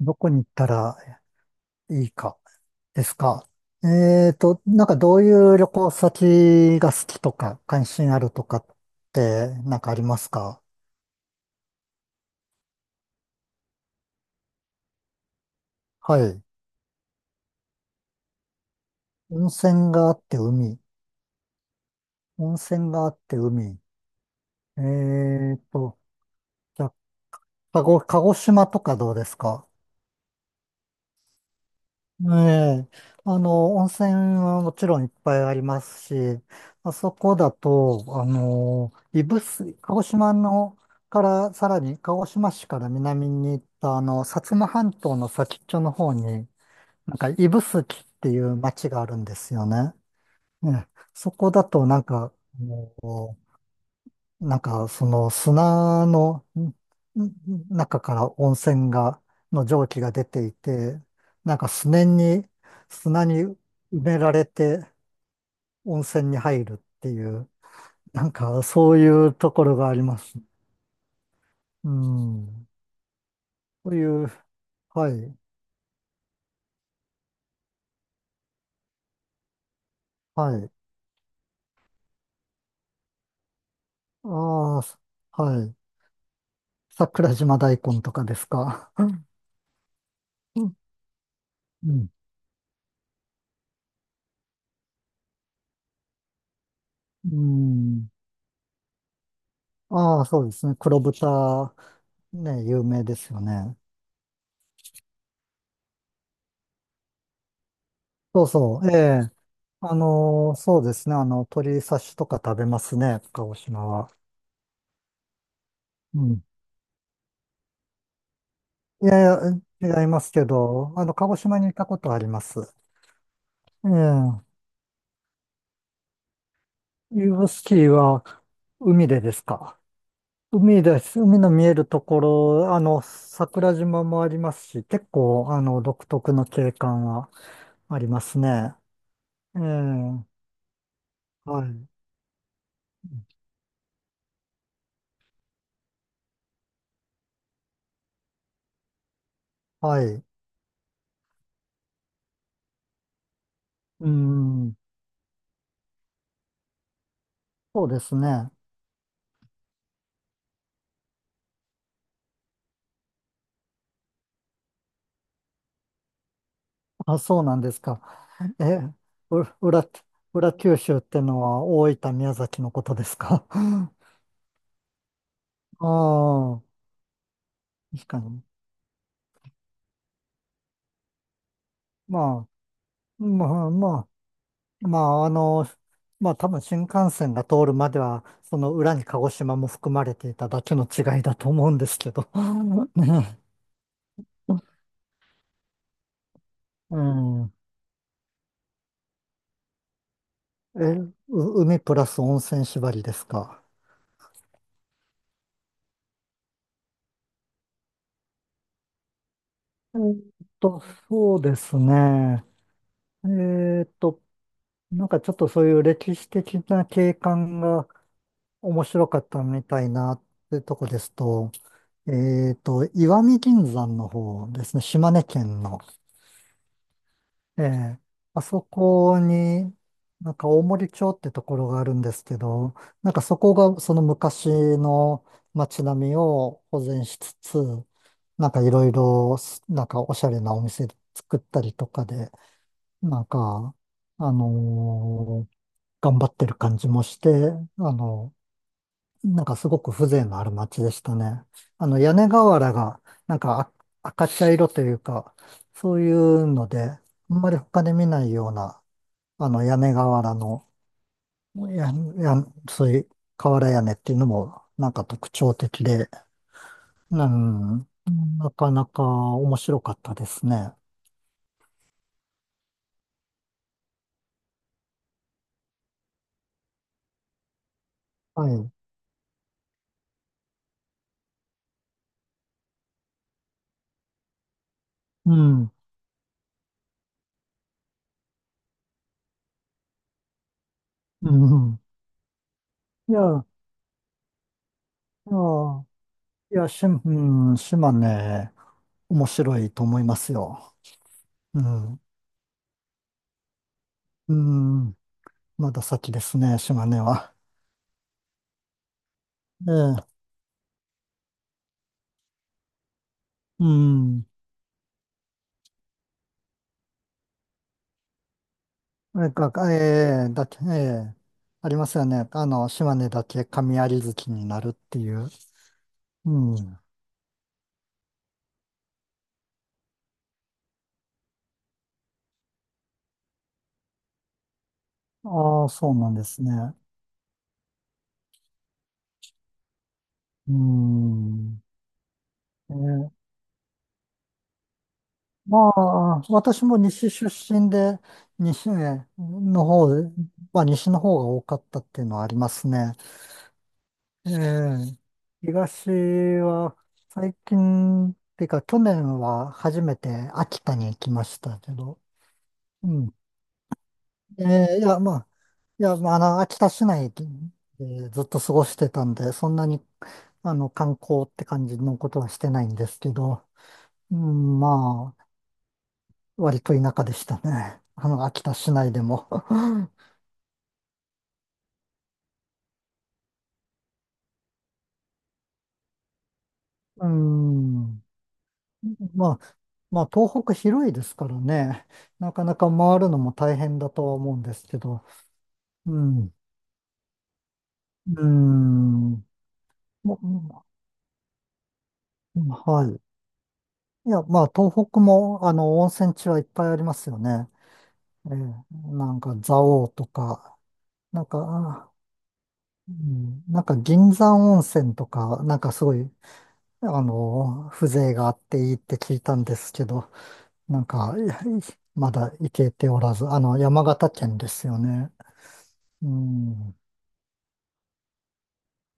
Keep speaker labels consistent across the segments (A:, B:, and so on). A: どこに行ったらいいかですか。なんかどういう旅行先が好きとか関心あるとかってなんかありますか？はい。温泉があって海。温泉があって海。えーと、じゃあ、鹿児島とかどうですか？ええ、温泉はもちろんいっぱいありますし、まあそこだと、指宿、鹿児島のから、さらに鹿児島市から南に行った、薩摩半島の先っちょの方に、なんか指宿っていう町があるんですよね。ね、そこだとなんか、あのなんか、その砂の中から温泉が、の蒸気が出ていて、なんかすねに、砂に埋められて温泉に入るっていう、なんかそういうところがあります。うん。そういう、はい、はい。ああ、すはい。桜島大根とかですか。うん。うん。うん。ああ、そうですね。黒豚、ね、有名ですよね。そうそう。ええ、そうですね。鶏刺しとか食べますね、鹿児島は。うん。いやいや、違いますけど、鹿児島に行ったことあります。ええ。ユーブスキーは海でですか。海です。海の見えるところ、桜島もありますし、結構、独特の景観はありますね。ええ。はい。はい。うん。そうですね。あ、そうなんですか。え、う、裏、裏九州ってのは大分、宮崎のことですか？ ああ、確かに。まあ、まあ、ままあ、まあ多分新幹線が通るまでは、その裏に鹿児島も含まれていただけの違いだと思うんですけど。ね。うん。え、海プラス温泉縛りですか？えーっと、そうですね。えーっと、なんかちょっとそういう歴史的な景観が、面白かったのみたいなってとこですと、石見銀山の方ですね、島根県の。ええ。あそこに、なんか大森町ってところがあるんですけど、なんかそこがその昔の街並みを保全しつつ、なんかいろいろ、なんかおしゃれなお店作ったりとかで、なんか、あのー頑張ってる感じもして、あのなんかすごく風情のある街でしたね。あの屋根瓦がなんか赤茶色というか、そういうので、あんまり他で見ないような、あの屋根瓦の、や、そういう瓦屋根っていうのもなんか特徴的で、うん、なかなか面白かったですね。はい。うん、うん。いや、いや、いや、うん、島ね面白いと思いますよ。うん、うん。まだ先ですね、島根は。ええ、うん。え、が、ええ、だけ、ええ、ありますよね。島根だけ神有月になるっていう。うん。ああ、そうなんですね。うん。ええ、まあ、私も西出身で、西の方、まあ、西の方が多かったっていうのはありますね。ええ、東は最近、っていうか去年は初めて秋田に行きましたけど、うん。ええ、いや、まあ、秋田市内でずっと過ごしてたんで、そんなに、観光って感じのことはしてないんですけど、うん、まあ、割と田舎でしたね。秋田市内でも。うん。まあ、まあ、東北広いですからね、なかなか回るのも大変だとは思うんですけど、うん、うん、もうんはい。いや、まあ、東北も、温泉地はいっぱいありますよね。ええ、なんか、蔵王とか、なんか、うん、なんか、銀山温泉とか、なんかすごい、風情があっていいって聞いたんですけど、なんか、いやいまだ行けておらず、山形県ですよね。うん、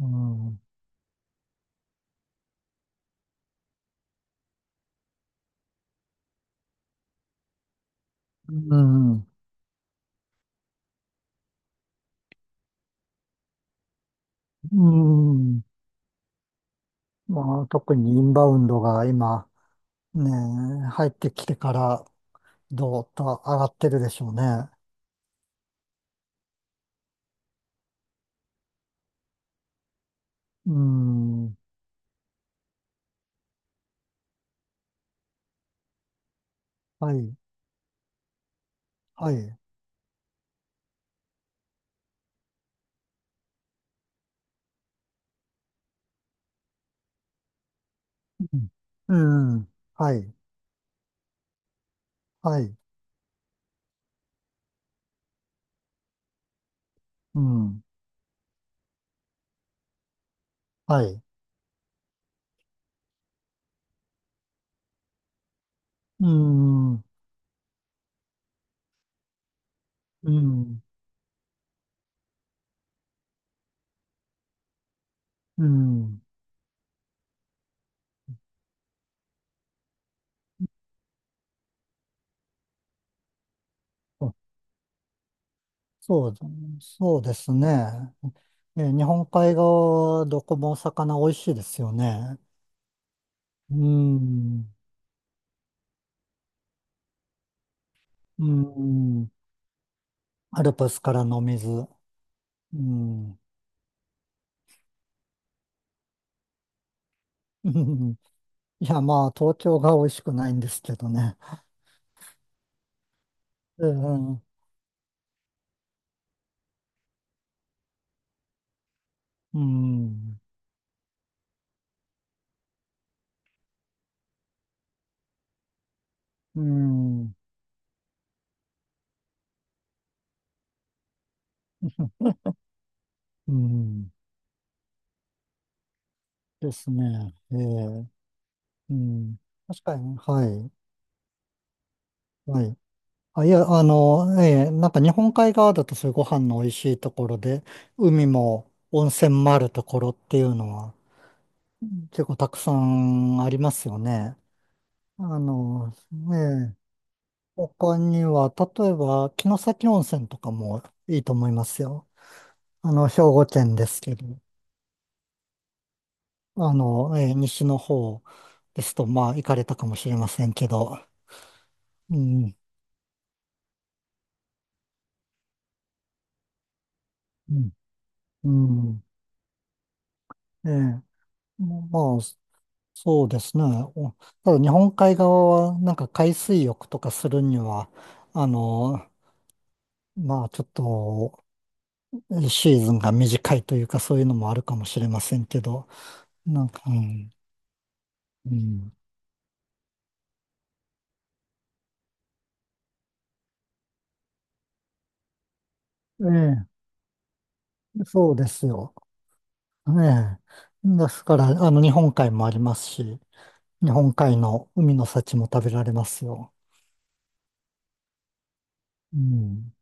A: うん、うん、うん。まあ、特にインバウンドが今、ね、入ってきてから、どうと上がってるでしょうね。うん、はい、はい、うん、うん、はい、はい、うん、はい、うん、うん、うん、そそう、そうですね。日本海側はどこもお魚美味しいですよね。うん、うん、アルプスからの水。うん。いや、まあ、東京が美味しくないんですけどね。うん。うん。うん。うんですね。ええ。うん。確かに、はい。はい。あ、いや、ええ、なんか日本海側だとそういうご飯の美味しいところで、海も温泉もあるところっていうのは結構たくさんありますよね。あの、ええ。他には、例えば、城崎温泉とかもいいと思いますよ。兵庫県ですけど、西の方ですと、まあ、行かれたかもしれませんけど、うん、うん、うん、ええ。まあ、そうですね。おただ、日本海側は、なんか海水浴とかするには、あの、まあ、ちょっと、シーズンが短いというか、そういうのもあるかもしれませんけど、なんか、うん、うん。ええ、そうですよ。ねえ。ですから、日本海もありますし、日本海の海の幸も食べられますよ。うん。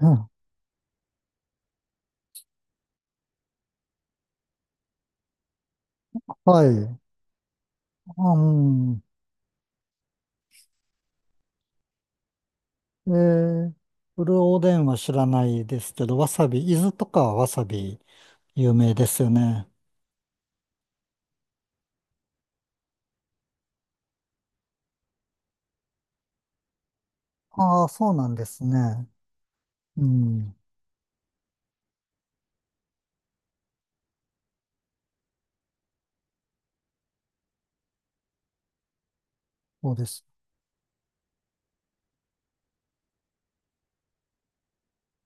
A: うん、はい。うん。えー、ブルーおでんは知らないですけど、わさび、伊豆とかはわさび有名ですよね。ああ、そうなんですね。うん。そうです。